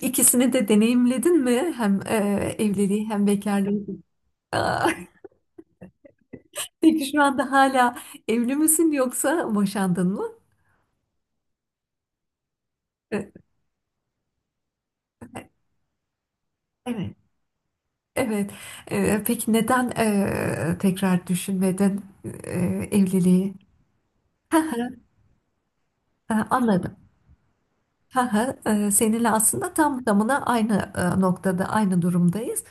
İkisini de deneyimledin mi? Hem evliliği hem bekarlığı. Aa, Peki şu anda hala evli misin yoksa boşandın mı? E, Evet. Evet. Peki neden tekrar düşünmedin evliliği? Anladım. Ha ha, Seninle aslında tam tamına aynı noktada, aynı durumdayız.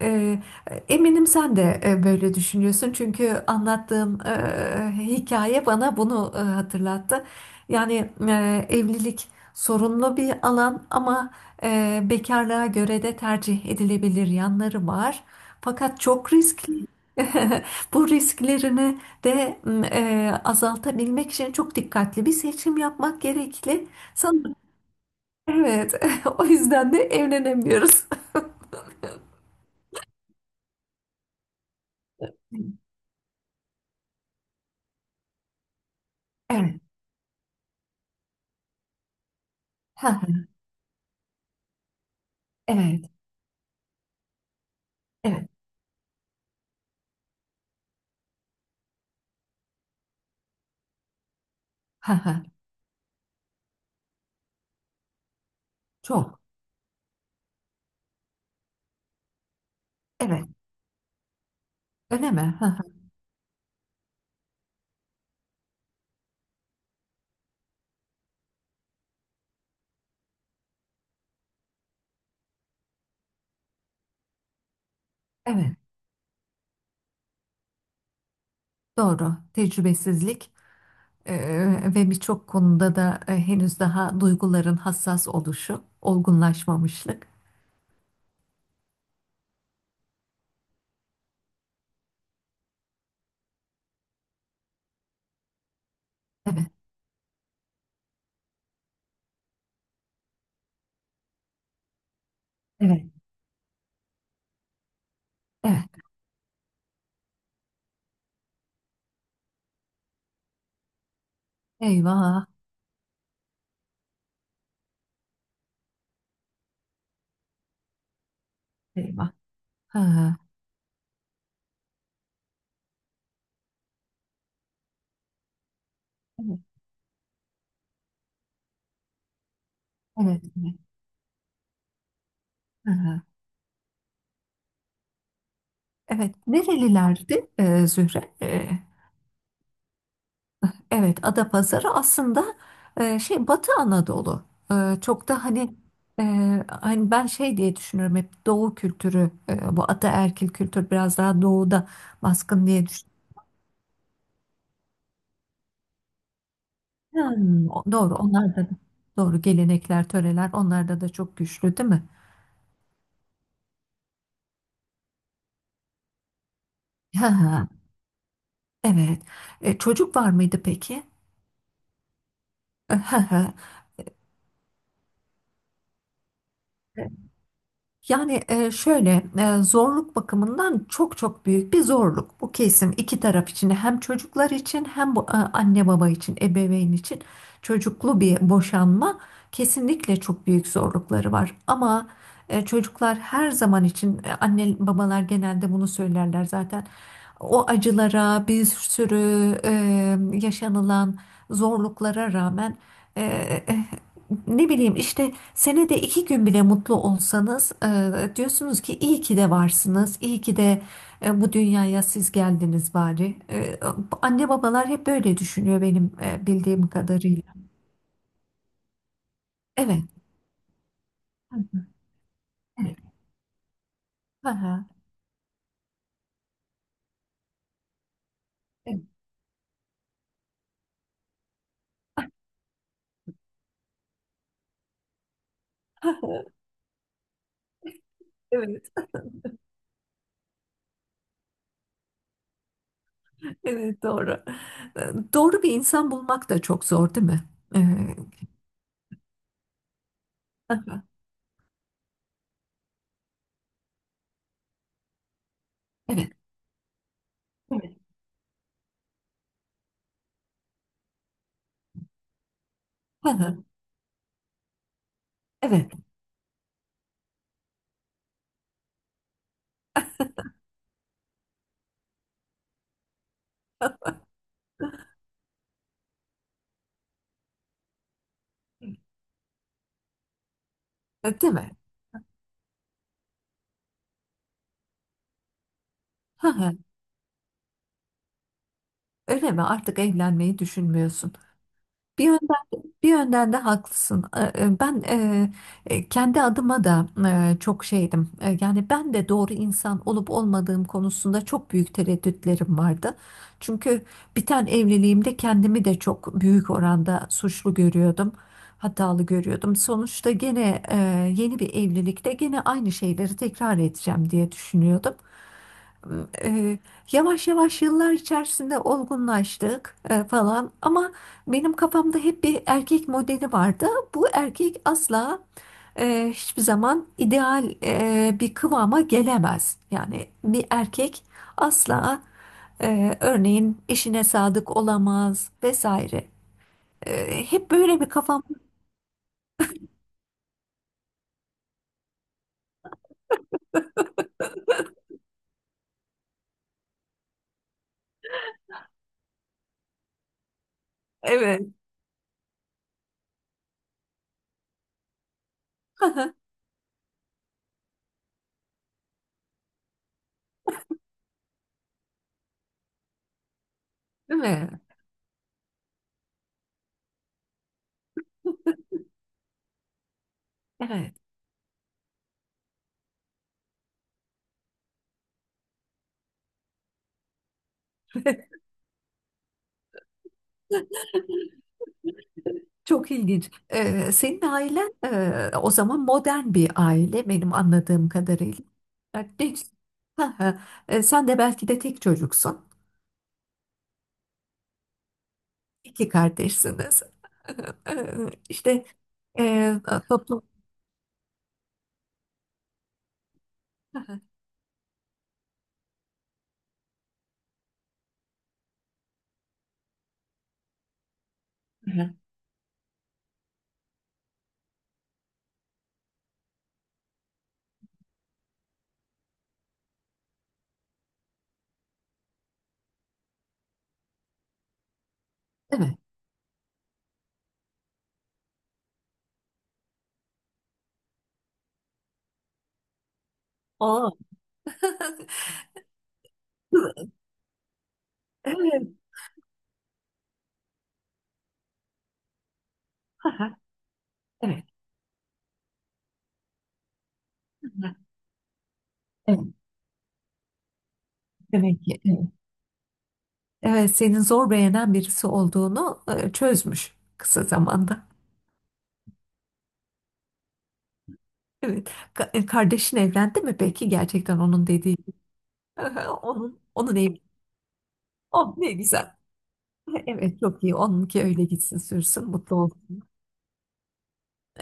Eee, Eminim sen de böyle düşünüyorsun çünkü anlattığım hikaye bana bunu hatırlattı. Yani evlilik sorunlu bir alan ama bekarlığa göre de tercih edilebilir yanları var. Fakat çok riskli. Bu risklerini de azaltabilmek için çok dikkatli bir seçim yapmak gerekli. Sanırım evet. O yüzden de evlenemiyoruz. Evet. Ha, evet. Evet. Ha ha. Çok. Evet. Öyle mi? Ha ha. Evet. Doğru. Tecrübesizlik ve birçok konuda da henüz daha duyguların hassas oluşu, olgunlaşmamışlık. Evet. Evet. Evet. Eyvah. Eyvah. Ha ha. Evet. Evet. Evet. Ha ha. Evet. Nerelilerdi Zühre? Evet, Adapazarı aslında şey Batı Anadolu. Çok da hani e, hani ben şey diye düşünüyorum hep Doğu kültürü, bu ataerkil kültür biraz daha doğuda baskın diye düşünüyorum. Hmm, doğru onlar da doğru, gelenekler, töreler onlarda da çok güçlü değil mi? Hı hı, evet. Çocuk var mıydı peki? Hı hı. Yani şöyle zorluk bakımından çok çok büyük bir zorluk. Bu kesim iki taraf için, hem çocuklar için hem bu, anne baba için, ebeveyn için, çocuklu bir boşanma kesinlikle çok büyük zorlukları var. Ama çocuklar her zaman için, anne babalar genelde bunu söylerler zaten. O acılara, bir sürü yaşanılan zorluklara rağmen e, e, ne bileyim işte senede iki gün bile mutlu olsanız diyorsunuz ki iyi ki de varsınız, iyi ki de bu dünyaya siz geldiniz bari. Anne babalar hep böyle düşünüyor benim bildiğim kadarıyla. Evet. Evet. Aha. Evet. Evet, evet, doğru. E, Doğru bir insan bulmak da çok zor değil mi? E, aha, evet. Evet. Aha, evet. Değil mi? Aha, öyle mi? Artık evlenmeyi düşünmüyorsun. Bir yönden, bir yönden de haklısın. Ben kendi adıma da çok şeydim. Yani ben de doğru insan olup olmadığım konusunda çok büyük tereddütlerim vardı. Çünkü biten evliliğimde kendimi de çok büyük oranda suçlu görüyordum. Hatalı görüyordum. Sonuçta gene yeni bir evlilikte gene aynı şeyleri tekrar edeceğim diye düşünüyordum, e, yavaş yavaş yıllar içerisinde olgunlaştık falan, ama benim kafamda hep bir erkek modeli vardı. Bu erkek asla hiçbir zaman ideal bir kıvama gelemez. Yani bir erkek asla örneğin eşine sadık olamaz vesaire. Hep böyle bir kafam. Evet. Değil mi? Evet. Çok ilginç. Senin ailen o zaman modern bir aile benim anladığım kadarıyla. Ya, ne, ha, ha. Sen de belki de tek çocuksun. İki kardeşsiniz. Ee, İşte e, toplum... Ha, ha. Değil mi? Oo. Evet. Ha, ha. Evet. Evet. Demek ki evet. Evet, senin zor beğenen birisi olduğunu çözmüş kısa zamanda. Evet. Kardeşin evlendi mi peki gerçekten onun dediği? Onun, onun evi. Oh ne güzel. Evet çok iyi. Onunki öyle gitsin sürsün mutlu olsun.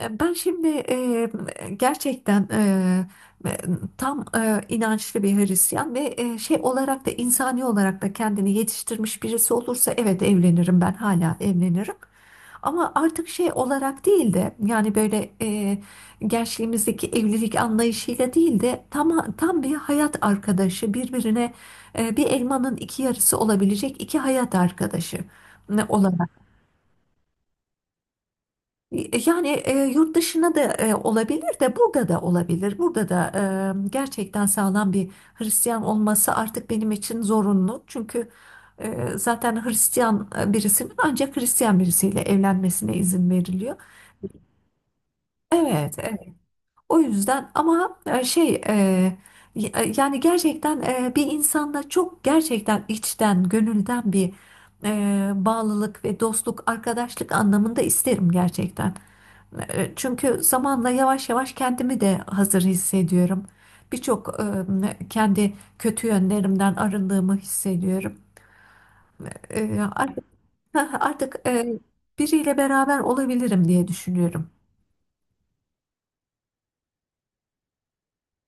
Ben şimdi gerçekten e, tam inançlı bir Hristiyan ve şey olarak da, insani olarak da kendini yetiştirmiş birisi olursa evet evlenirim, ben hala evlenirim. Ama artık şey olarak değil de, yani böyle gençliğimizdeki evlilik anlayışıyla değil de tam, tam bir hayat arkadaşı, birbirine bir elmanın iki yarısı olabilecek iki hayat arkadaşı olarak. Yani yurt dışına da olabilir, de burada da olabilir. Burada da gerçekten sağlam bir Hristiyan olması artık benim için zorunlu. Çünkü zaten Hristiyan birisinin ancak Hristiyan birisiyle evlenmesine izin veriliyor. Evet, evet. O yüzden ama yani gerçekten bir insanda çok gerçekten içten, gönülden bir bağlılık ve dostluk, arkadaşlık anlamında isterim gerçekten. Çünkü zamanla yavaş yavaş kendimi de hazır hissediyorum. Birçok kendi kötü yönlerimden arındığımı hissediyorum. Artık, artık biriyle beraber olabilirim diye düşünüyorum.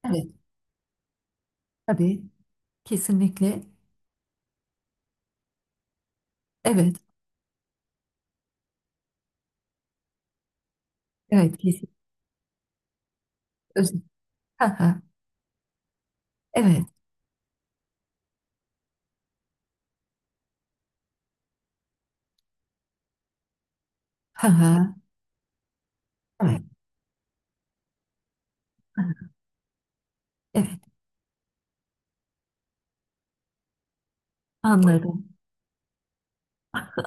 Evet, tabii. Kesinlikle. Evet, evet, kesin. Öz- evet, evet. Evet, anladım.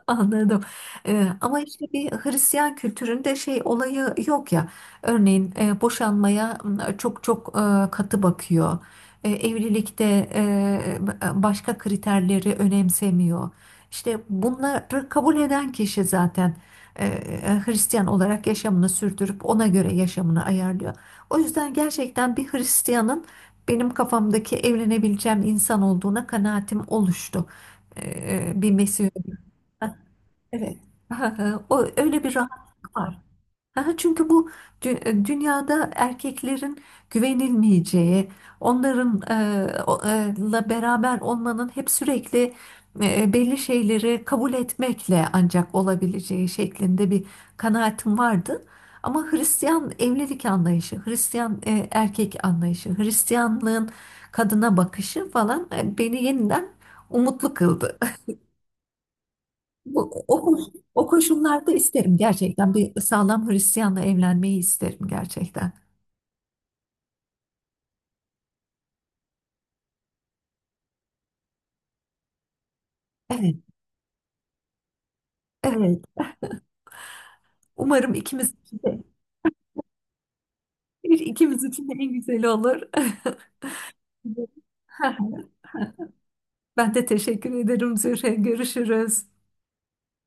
Anladım. Ama işte bir Hristiyan kültüründe şey olayı yok ya. Örneğin boşanmaya m, çok çok katı bakıyor. Evlilikte e, başka kriterleri önemsemiyor. İşte bunları kabul eden kişi zaten Hristiyan olarak yaşamını sürdürüp ona göre yaşamını ayarlıyor. O yüzden gerçekten bir Hristiyanın benim kafamdaki evlenebileceğim insan olduğuna kanaatim oluştu. Bir Mesih. Evet. Ha, ha, o öyle bir rahatlık var. Ha, ha, çünkü bu dünyada erkeklerin güvenilmeyeceği, onların la beraber olmanın hep sürekli belli şeyleri kabul etmekle ancak olabileceği şeklinde bir kanaatim vardı. Ama Hristiyan evlilik anlayışı, Hristiyan erkek anlayışı, Hristiyanlığın kadına bakışı falan beni yeniden umutlu kıldı. Bu, o, koş- o koşullarda isterim gerçekten. Bir sağlam Hristiyanla evlenmeyi isterim gerçekten. Evet, evet. Umarım ikimiz için de, ikimiz için de en güzeli olur. Ben de teşekkür ederim Zühre. Görüşürüz.